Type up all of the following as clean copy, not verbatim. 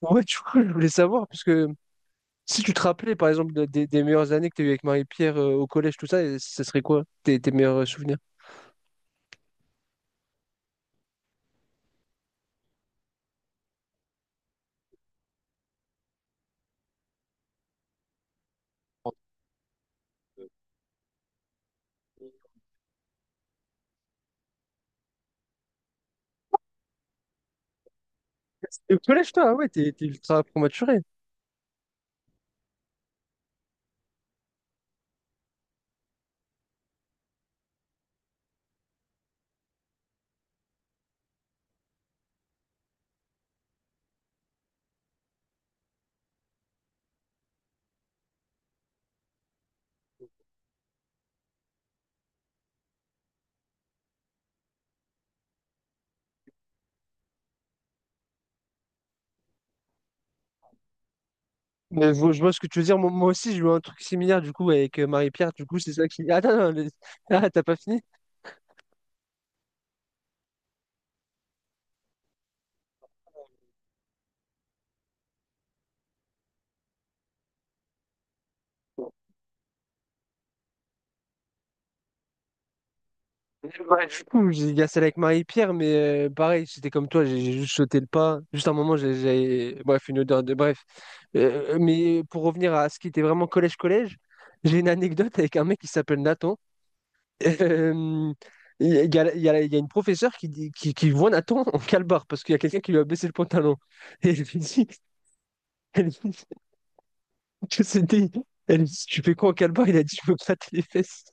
Ouais, du coup, je voulais savoir, parce que si tu te rappelais, par exemple, des meilleures années que tu as eues avec Marie-Pierre, au collège, tout ça, et ça serait quoi tes, tes meilleurs souvenirs? Et au collège, toi, ah ouais, t'es ultra prématuré. Mais je vois ce que tu veux dire. Moi aussi, j'ai eu un truc similaire, du coup, avec Marie-Pierre. Du coup, c'est ça qui. Ah, non, non, ah, t'as pas fini? Ouais, du coup, il y a celle avec Marie-Pierre, mais pareil, c'était comme toi, j'ai juste sauté le pas. Juste un moment, j'ai. Bref, une odeur de. Bref. Mais pour revenir à ce qui était vraiment collège-collège, j'ai une anecdote avec un mec qui s'appelle Nathan. Euh, Il y a, une professeure qui, qui voit Nathan en calbar parce qu'il y a quelqu'un qui lui a baissé le pantalon. Et elle lui dit que c'était. Elle lui dit, tu fais quoi en calbar? Il a dit, je me gratte les fesses.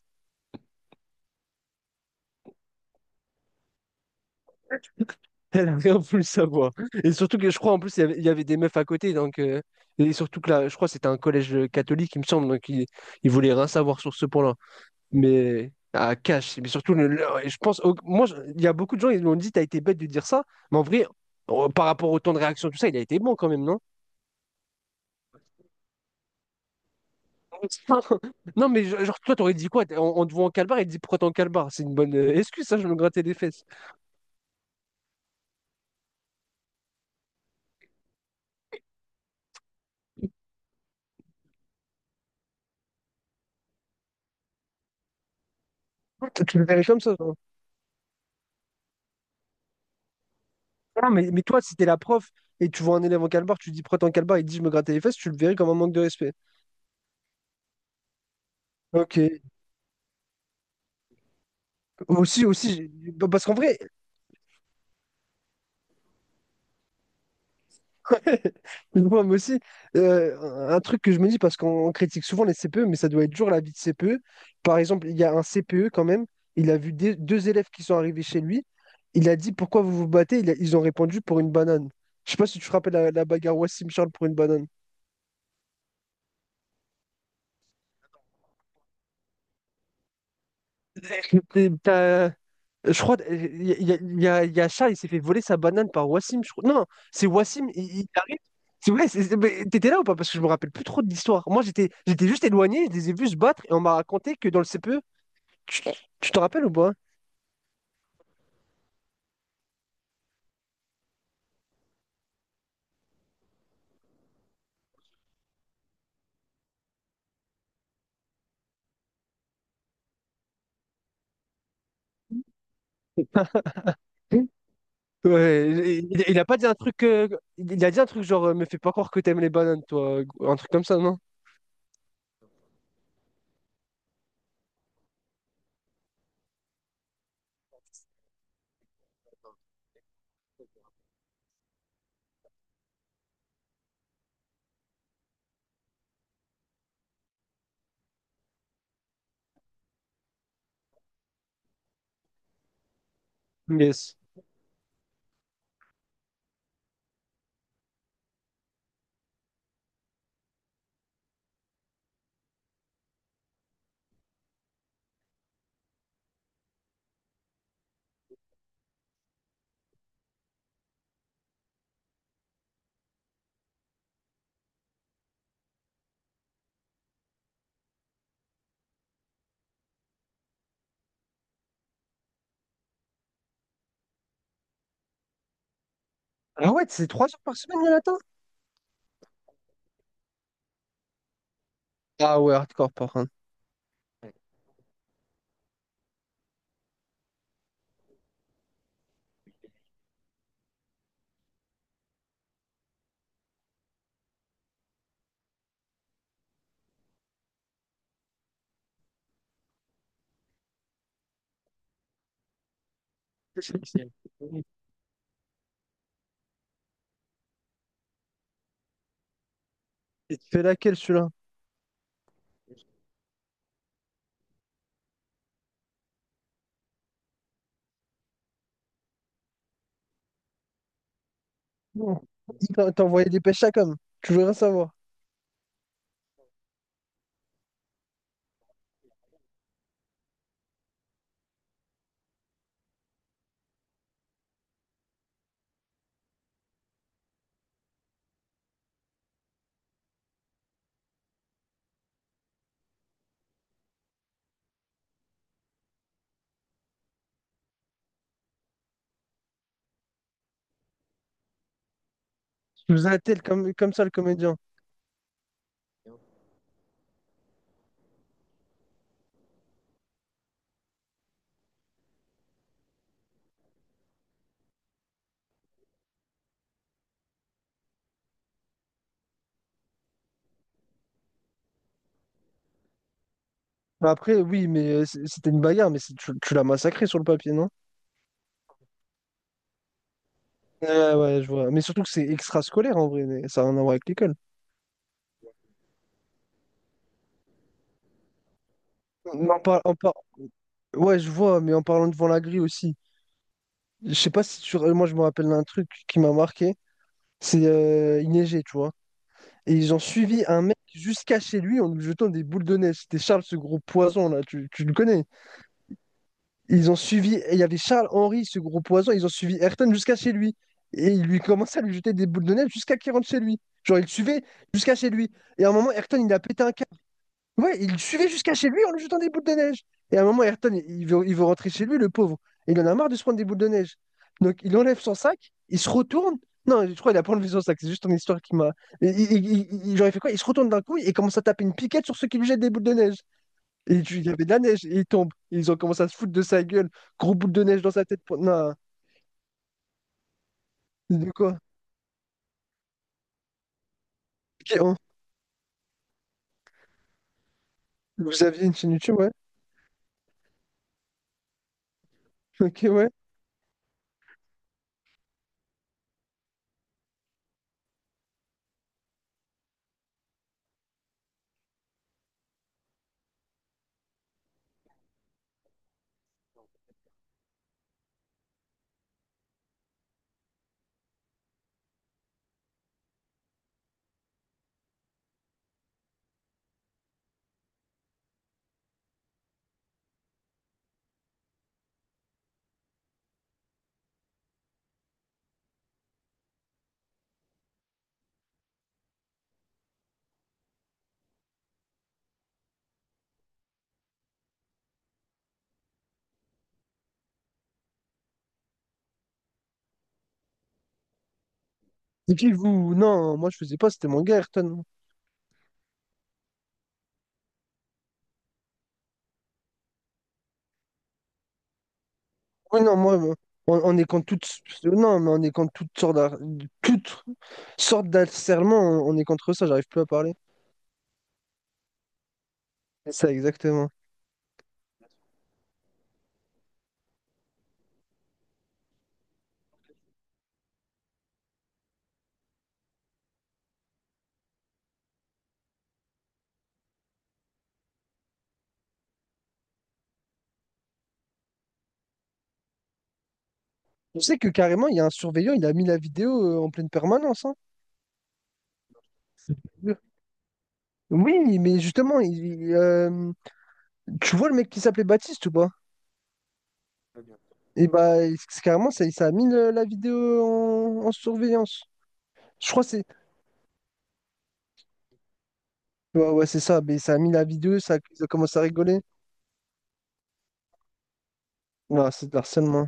Elle a rien voulu savoir. Et surtout que je crois en plus, il y avait des meufs à côté. Donc, et surtout que là, je crois que c'était un collège catholique, il me semble. Donc, ils il voulaient rien savoir sur ce point-là. Mais à cash, mais surtout, et je pense, il y a beaucoup de gens, ils m'ont dit, t'as été bête de dire ça, mais en vrai, par rapport au temps de réaction, tout ça, il a été bon quand même, non? Non, mais genre, toi, t'aurais dit quoi? On te voit en calbar, il te dit, pourquoi t'es en calbar? C'est une bonne excuse, ça, je me grattais les fesses. Tu le verrais comme ça, genre. Non, mais toi, si t'es la prof et tu vois un élève en calbar, tu dis, pourquoi t'es en calbar, il te dit, je me grattais les fesses, tu le verrais comme un manque de respect. Ok. Aussi, parce qu'en vrai, ouais. Moi aussi, un truc que je me dis, parce qu'on critique souvent les CPE, mais ça doit être dur la vie de CPE. Par exemple, il y a un CPE quand même, il a vu deux élèves qui sont arrivés chez lui, il a dit pourquoi vous vous battez? Ils ont répondu pour une banane. Je sais pas si tu te rappelles la bagarre Wassim Charles pour une banane. T'es- t'as- Je crois, y a Shah, il s'est fait voler sa banane par Wassim, je crois. Non, c'est Wassim, il arrive. C'est vrai, mais t'étais là ou pas? Parce que je me rappelle plus trop de l'histoire. Moi, j'étais juste éloigné, je les ai vus se battre et on m'a raconté que dans le CPE, tu te rappelles ou pas? Oui. Ouais, il a pas dit un truc, il a dit un truc genre, me fais pas croire que t'aimes les bananes, toi, un truc comme ça, non? Yes. Ah ouais, c'est 3 jours par semaine, Jonathan? Ah ouais, hardcore par contre. Il te fait laquelle celui-là? Non. T'envoyais des pêches à com. Tu voudrais savoir. Tu nous as tel comme ça le comédien. Bah, après, oui, mais c'était une bagarre, mais tu l'as massacré sur le papier, non? Ouais, ouais, je vois. Mais surtout que c'est extrascolaire en vrai, mais ça n'a rien à voir avec l'école. Mais en par- en par- Ouais, je vois, mais en parlant devant la grille aussi. Je sais pas si tu. Moi, je me rappelle d'un truc qui m'a marqué. C'est il neigeait, tu vois. Et ils ont suivi un mec jusqu'à chez lui en lui jetant des boules de neige. C'était Charles, ce gros poison là. Tu le connais? Ils ont suivi, il y avait Charles Henry, ce gros poison, ils ont suivi Ayrton jusqu'à chez lui. Et ils lui commençaient à lui jeter des boules de neige jusqu'à qu'il rentre chez lui. Genre, ils le suivaient jusqu'à chez lui. Et à un moment, Ayrton, il a pété un câble. Ouais, il le suivait jusqu'à chez lui en lui jetant des boules de neige. Et à un moment, Ayrton, il veut rentrer chez lui, le pauvre. Et il en a marre de se prendre des boules de neige. Donc, il enlève son sac, il se retourne. Non, je crois qu'il a pas enlevé son sac, c'est juste ton histoire qui m'a. Et genre, il fait quoi? Il se retourne d'un coup et commence à taper une piquette sur ceux qui lui jettent des boules de neige. Et il y avait de la neige, et il tombe. Ils ont commencé à se foutre de sa gueule. Gros boule de neige dans sa tête. Non, de quoi? Ok, hein. Vous aviez une chaîne YouTube, ouais? Ok, ouais. Et puis vous? Non, moi je faisais pas, c'était mon gars, Ayrton. Oui, non, on est contre toutes. Non, mais on est contre toutes sortes toutes d'harcèlement, on est contre ça, j'arrive plus à parler. C'est ça, exactement. Tu sais que carrément, il y a un surveillant, il a mis la vidéo en pleine permanence, hein. Oui, mais justement, tu vois le mec qui s'appelait Baptiste ou pas? Et bah, c'est carrément, ça a mis la vidéo en surveillance. Je crois que c'est. Ouais, ouais, c'est ça. Mais ça a mis la vidéo, ça commence à rigoler. Ah, c'est de l'harcèlement.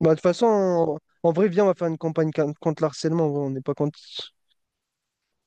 Bah, de toute façon, en vrai, viens, on va faire une campagne contre l'harcèlement, ouais. On n'est pas contre.